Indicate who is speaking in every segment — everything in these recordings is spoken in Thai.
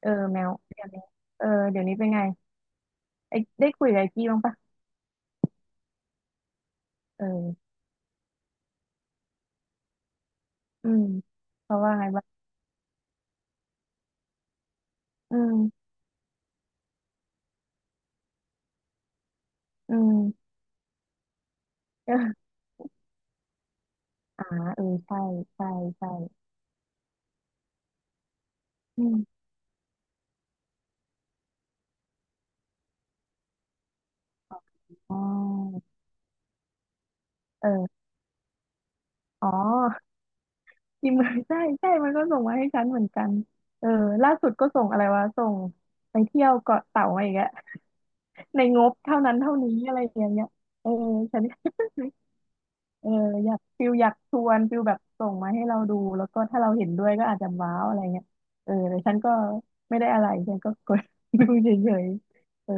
Speaker 1: เออแมวเดี๋ยวนี้เออเดี๋ยวนี้เป็นไงไอ้ได้คุยกับไอ้กี้บ้างปะเอออืมเขาว่าไงบ้างอืมอืม เอออ่าเออใช่ใช่ใช่อืมอ๋อเอออ๋อ ทีมเมืองใช่ใช่มันก็ส่งมาให้ฉันเหมือนกันเออล่าสุดก็ส่งอะไรวะส่งไปเที่ยวเกาะเต่ามาอีกแล้วในงบเท่านั้นเท่านี้อะไรอย่างเงี้ยเออฉัน เอออยากฟิลอยากชวนฟิลแบบส่งมาให้เราดูแล้วก็ถ้าเราเห็นด้วยก็อาจจะว้าวอะไรเงี้ยเออแต่ฉันก็ไม่ได้อะไรฉันก็กด ดูเฉยๆเออ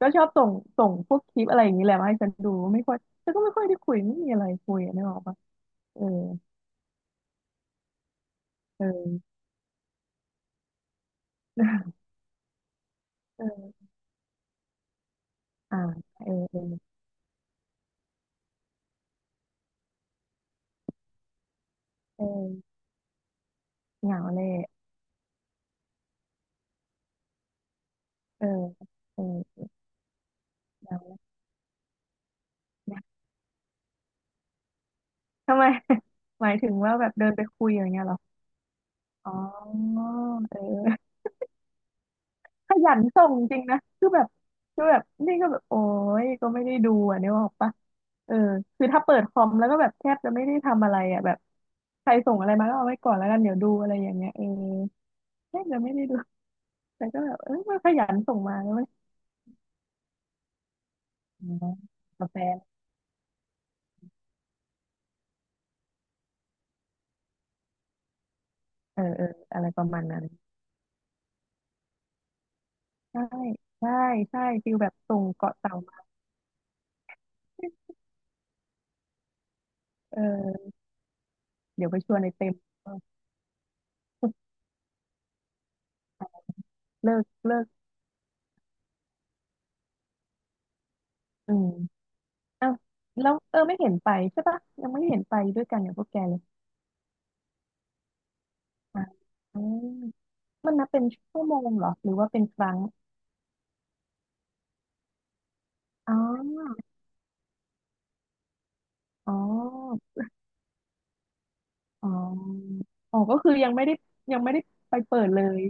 Speaker 1: ก็ชอบส่งส่งพวกคลิปอะไรอย่างนี้แหละมาให้ฉันดูไม่ค่อยฉันก็ไม่ค่อยได้คุยไม่มีอะไรคุยอะนึกออกปะเออเออ เอออ่าเออเออเออเหงาเลยเออเออเหงาแหละ ทำไม หมายถึงว่าแบบเดินไปคุยอย่างเงี้ยเหรออ๋อเออ ขยันส่งจริงนะคือแบบคือแบบนี่ก็แบบโอ้ยก็ไม่ได้ดูอ่ะเนี่ยออกปะเออคือถ้าเปิดคอมแล้วก็แบบแทบจะไม่ได้ทำอะไรอ่ะแบบใครส่งอะไรมาก็เอาไว้ก่อนแล้วกันเดี๋ยวดูอะไรอย่างเงี้ยเออแทบจะไม่ได้ดูแต่ก็แบบเออมันขยันส่งมาเลยวอกาแฟเออเอออะไรประมาณนั้นใช่ใช่ใช่ฟิลแบบส่งเกาะเต่ามาเออเดี๋ยวไปชวนในเต็ม เออเลิกเลิกอืมอ้าวแล้วเออไม่เห็นไปใช่ปะยังไม่เห็นไปด้วยกันอย่างพวกแกเลย อ่าอืมมันนับเป็นชั่วโมงเหรอหรือว่าเป็นครั้งอ๋ออ๋ออ๋ออ๋อก็คือยังไม่ได้ยังไม่ได้ไปเปิดเลย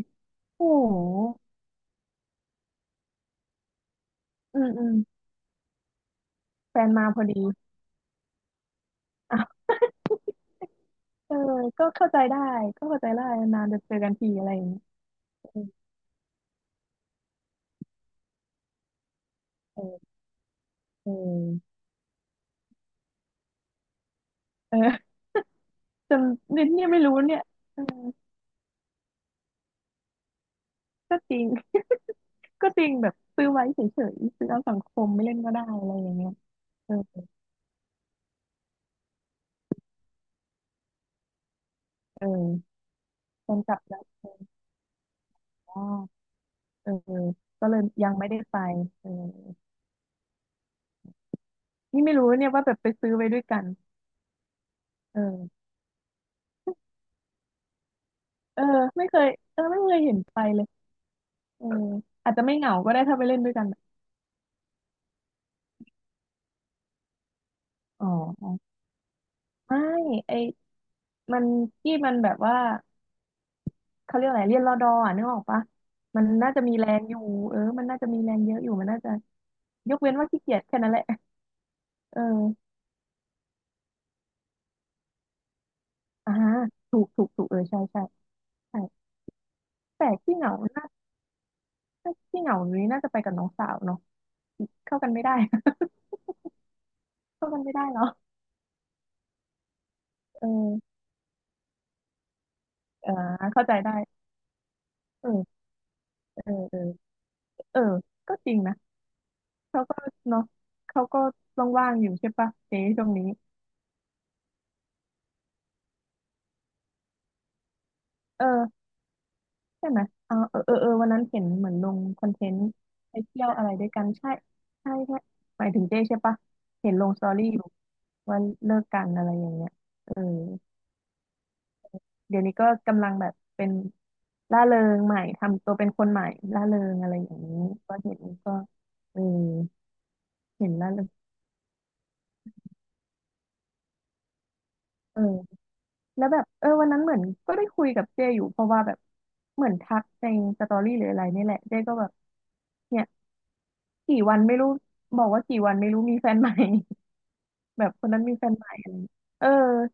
Speaker 1: โอ้โหอืมอืมแฟนมาพอดีอ่ะเออก็เข้าใจได้ก็เข้าใจได้นานจะเจอกันทีอะไรอย่างเงี้ยเออเออเออเออจำเนี่ยไม่รู้เนี่ยเออก็จริงก็จริงแบบซื้อไว้เฉยๆซื้อเอาสังคมไม่เล่นก็ได้อะไรอย่างเงี้ยเออเออแฟนกลับแล้วเออ เออก็เลยยังไม่ได้ไปเออนี่ไม่รู้เนี่ยว่าแบบไปซื้อไว้ด้วยกันเออเออไม่เคยเออไม่เคยเห็นไปเลยเอออาจจะไม่เหงาก็ได้ถ้าไปเล่นด้วยกันอ๋อ ไม่ไอมันที่มันแบบว่าเขาเรียกอะไรเรียนรอดออ่ะนึกออกปะมันน่าจะมีแรงอยู่เออมันน่าจะมีแรงเยอะอยู่มันน่าจะยกเว้นว่าขี้เกียจแค่นั้นแหละเอออ่าถูกถูกถูกเออใช่ใช่ใช่แต่ที่เหงาน่าที่เหงานี้น่าจะไปกับน้องสาวเนาะเข้ากันไม่ได้ เข้ากันไม่ได้เนาะเออ อ่าเข้าใจได้เออเออเออเออก็จริงนะเขาก็เนาะเขาก็ว่างๆอยู่ใช่ปะเจ๊ช่วงนี้เออใช่ไหมเออเออเออเออวันนั้นเห็นเหมือนลงคอนเทนต์ไปเที่ยวอะไรด้วยกันใช่ใช่ใช่หมายถึงเจ๊ใช่ปะเห็นลงสตอรี่อยู่ว่าเลิกกันอะไรอย่างเงี้ยเออเดี๋ยวนี้ก็กำลังแบบเป็นร่าเริงใหม่ทำตัวเป็นคนใหม่ร่าเริงอะไรอย่างนี้ก็เห็นก็เออเห็นร่าเริงเออ แล้วแบบเออวันนั้นเหมือนก็ได้คุยกับเจอยู่เพราะว่าแบบเหมือนทักในสตอรี่หรืออะไรนี่แหละเจก็แบบเนี่ยกี่วันไม่รู้บอกว่ากี่วันไม่รู้มีแฟนใหม่ แบบคนนั้นมีแฟนใหม่อะไรอย่างเงี้ยเออ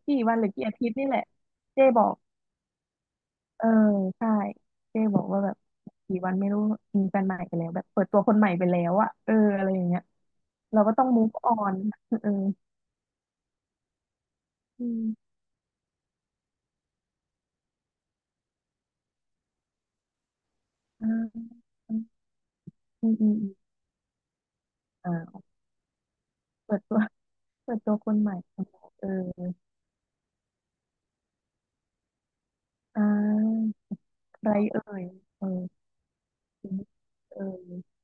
Speaker 1: กี่วันหรือกี่อาทิตย์นี่แหละเจบอกเออใช่เจบอกว่าแบบกี่วันไม่รู้มีแฟนใหม่ไปแล้วแบบเปิดตัวคนใหม่ไปแล้วอะเอออะไรอย่างเงี้ยเราก็ต้อง move on เอออืมอ่าอืมอืมอืมอ่าเปิดตัวเปิดตัวคนใหม่เอออ่า ไรเอ่ยเออฟินิกเอ่ย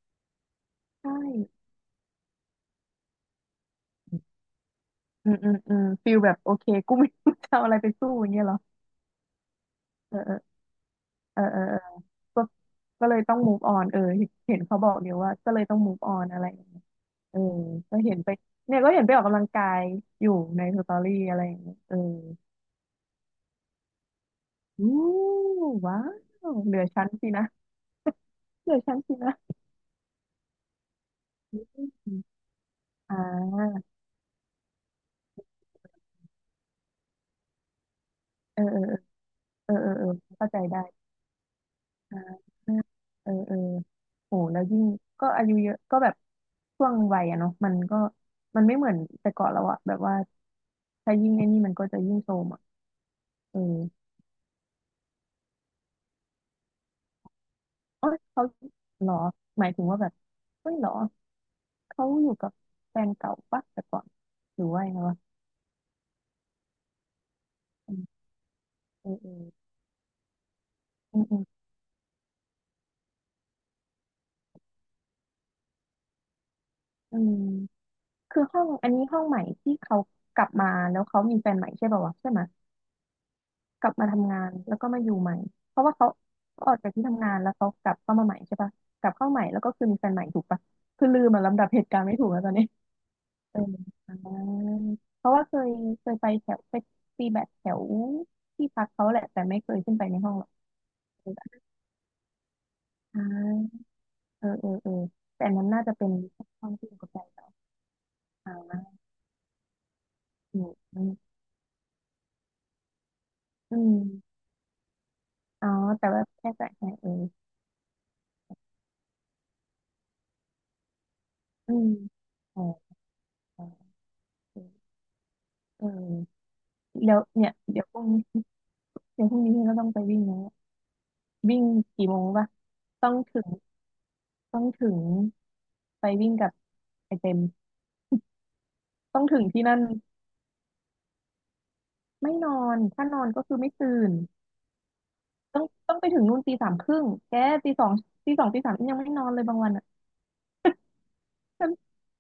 Speaker 1: ใช่อืมอืมอืมฟีลแบบโอเคกูไม่รู้จะเอาอะไรไปสู้อย่างเงี้ยเหรอเออเออเออเออเออก็ก็เลยต้อง move on เออเห็นเขาบอกเดี๋ยวว่าก็เลยต้อง move on อะไรอย่างเงี้ยเออก็เห็นไปเนี่ยก็เห็นไปออกกำลังกายอยู่ในสตอรี่อะไรอย่างเงี้ยเอออู้ว้าวเหลือชั้นสินะเหลือชั้นสินะอืมอ่าเออเออเออเออเออเออเข้าใจได้อ่าเออเออ โอ้แล้วยิ่งก็อายุเยอะก็แบบช่วงวัยอะเนาะมันก็มันไม่เหมือนแต่ก่อนแล้วอะแบบว่าถ้ายิ่งไอ้นี่มันก็จะยิ่งโทรมอะเออเอ้ยเขาเหรอหมายถึงว่าแบบเฮ้ยเหรอเขาอยู่กับแฟนเก่าปะแต่ก่อนหรือว่ายังไงวะอืมเออเอออืมอืมอืมคือห้องอันนี้ห้องใหม่ที่เขากลับมาแล้วเขามีแฟนใหม่ใช่ป่าววะใช่ไหม กลับมาทำงานแล้วก็มาอยู่ใหม่เพราะว่าเขาออกจากที่ทำงานแล้วเขากลับเข้ามาใหม่ใช่ปะกลับเข้าใหม่แล้วก็คือมีแฟนใหม่ถูกปะคือลืมอะลำดับเหตุการณ์ไม่ถูกแล้วตอนนี้เอออ่าเพราะว่าเคยไปตีแบดแถวที่พักเขาแหละแต่ไม่เคยขึ้นไปในห้องหรอกเอออ่าเออเออเออแต่อันนั้นน่าจะเป็นห้องที่อยู่กับแฟนเราอ่าอืมอืมอืมอ๋อแต่ว่าแค่แต่แค่เอออืมอ๋ออ๋อเออเออแล้วเนี่ยเดี๋ยวพรุ่งนี้ก็ต้องไปวิ่งแล้ววิ่งกี่โมงปะต้องถึงต้องถึงไปวิ่งกับไอเต็มต้องถึงที่นั่นไม่นอนถ้านอนก็คือไม่ตื่นต้องไปถึงนู่นตีสามครึ่งแกตีสองตีสองตีสามยังไม่นอนเลยบางวันอ่ะฉัน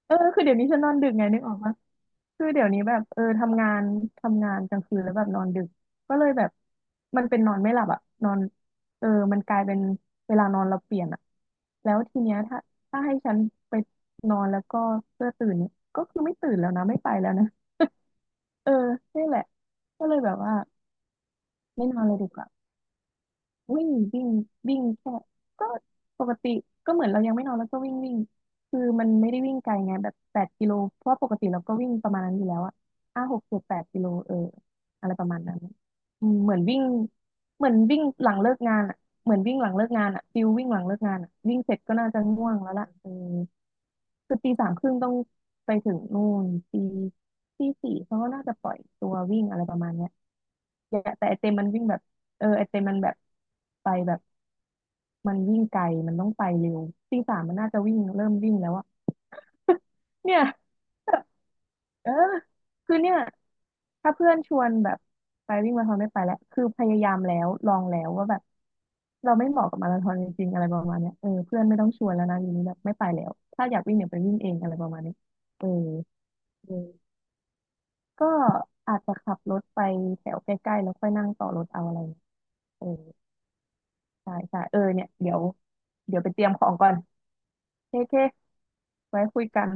Speaker 1: เออคือเดี๋ยวนี้ฉันนอนดึกไงนึกออกปะ คือเดี๋ยวนี้แบบเออทำงานกลางคืนแล้วแบบนอนดึกก็เลยแบบมันเป็นนอนไม่หลับอะนอนเออมันกลายเป็นเวลานอนเราเปลี่ยนอะแล้วทีเนี้ยถ้าให้ฉันไปนอนแล้วก็เพื่อตื่นเนี่ยก็คือไม่ตื่นแล้วนะไม่ไปแล้วนะเออนี่แหละก็เลยแบบว่าไม่นอนเลยดีกว่า วิ่งวิ่งวิ่งแค่ก็ปกติก็เหมือนเรายังไม่นอนแล้วก็วิ่งวิ่งคือมันไม่ได้วิ่งไกลไงแบบแปดกิโลเพราะปกติเราก็วิ่งประมาณนั้นอยู่แล้วอะห้าหกเจ็ดแปดกิโลเอออะไรประมาณนั้นอืมเหมือนวิ่งเหมือนวิ่งหลังเลิกงานอะเหมือนวิ่งหลังเลิกงานอะฟิลวิ่งหลังเลิกงานอะวิ่งเสร็จก็น่าจะง่วงแล้วล่ะเออคือตีสามครึ่งต้องไปถึงนู่นตีสี่เขาก็น่าจะปล่อยตัววิ่งอะไรประมาณเนี้ยอย่าแต่ไอเต็มมันวิ่งแบบเออไอเต็มมันแบบไปแบบ มันวิ่งไกลมันต้องไปเร็วตีสามมันน่าจะเริ่มวิ่งแล้วอะเนี่ย เออคือเนี่ยถ้าเพื่อนชวนแบบไปวิ่งมาราธอนไม่ไปแล้วคือพยายามแล้วลองแล้วว่าแบบเราไม่เหมาะกับมาราธอนจริงๆอะไรประมาณเนี้ยเออเพื่อนไม่ต้องชวนแล้วนะอยู่นี้แบบไม่ไปแล้วถ้าอยากวิ่งเนี่ยไปวิ่งเองอะไรประมาณนี้เออเออก็อาจจะขับรถไปแถวใกล้ๆแล้วค่อยนั่งต่อรถเอาอะไรเงี้ยเออใช่ใช่เออเนี่ยเดี๋ยวไปเตรียมของก่อนเคเคไว้คุยกัน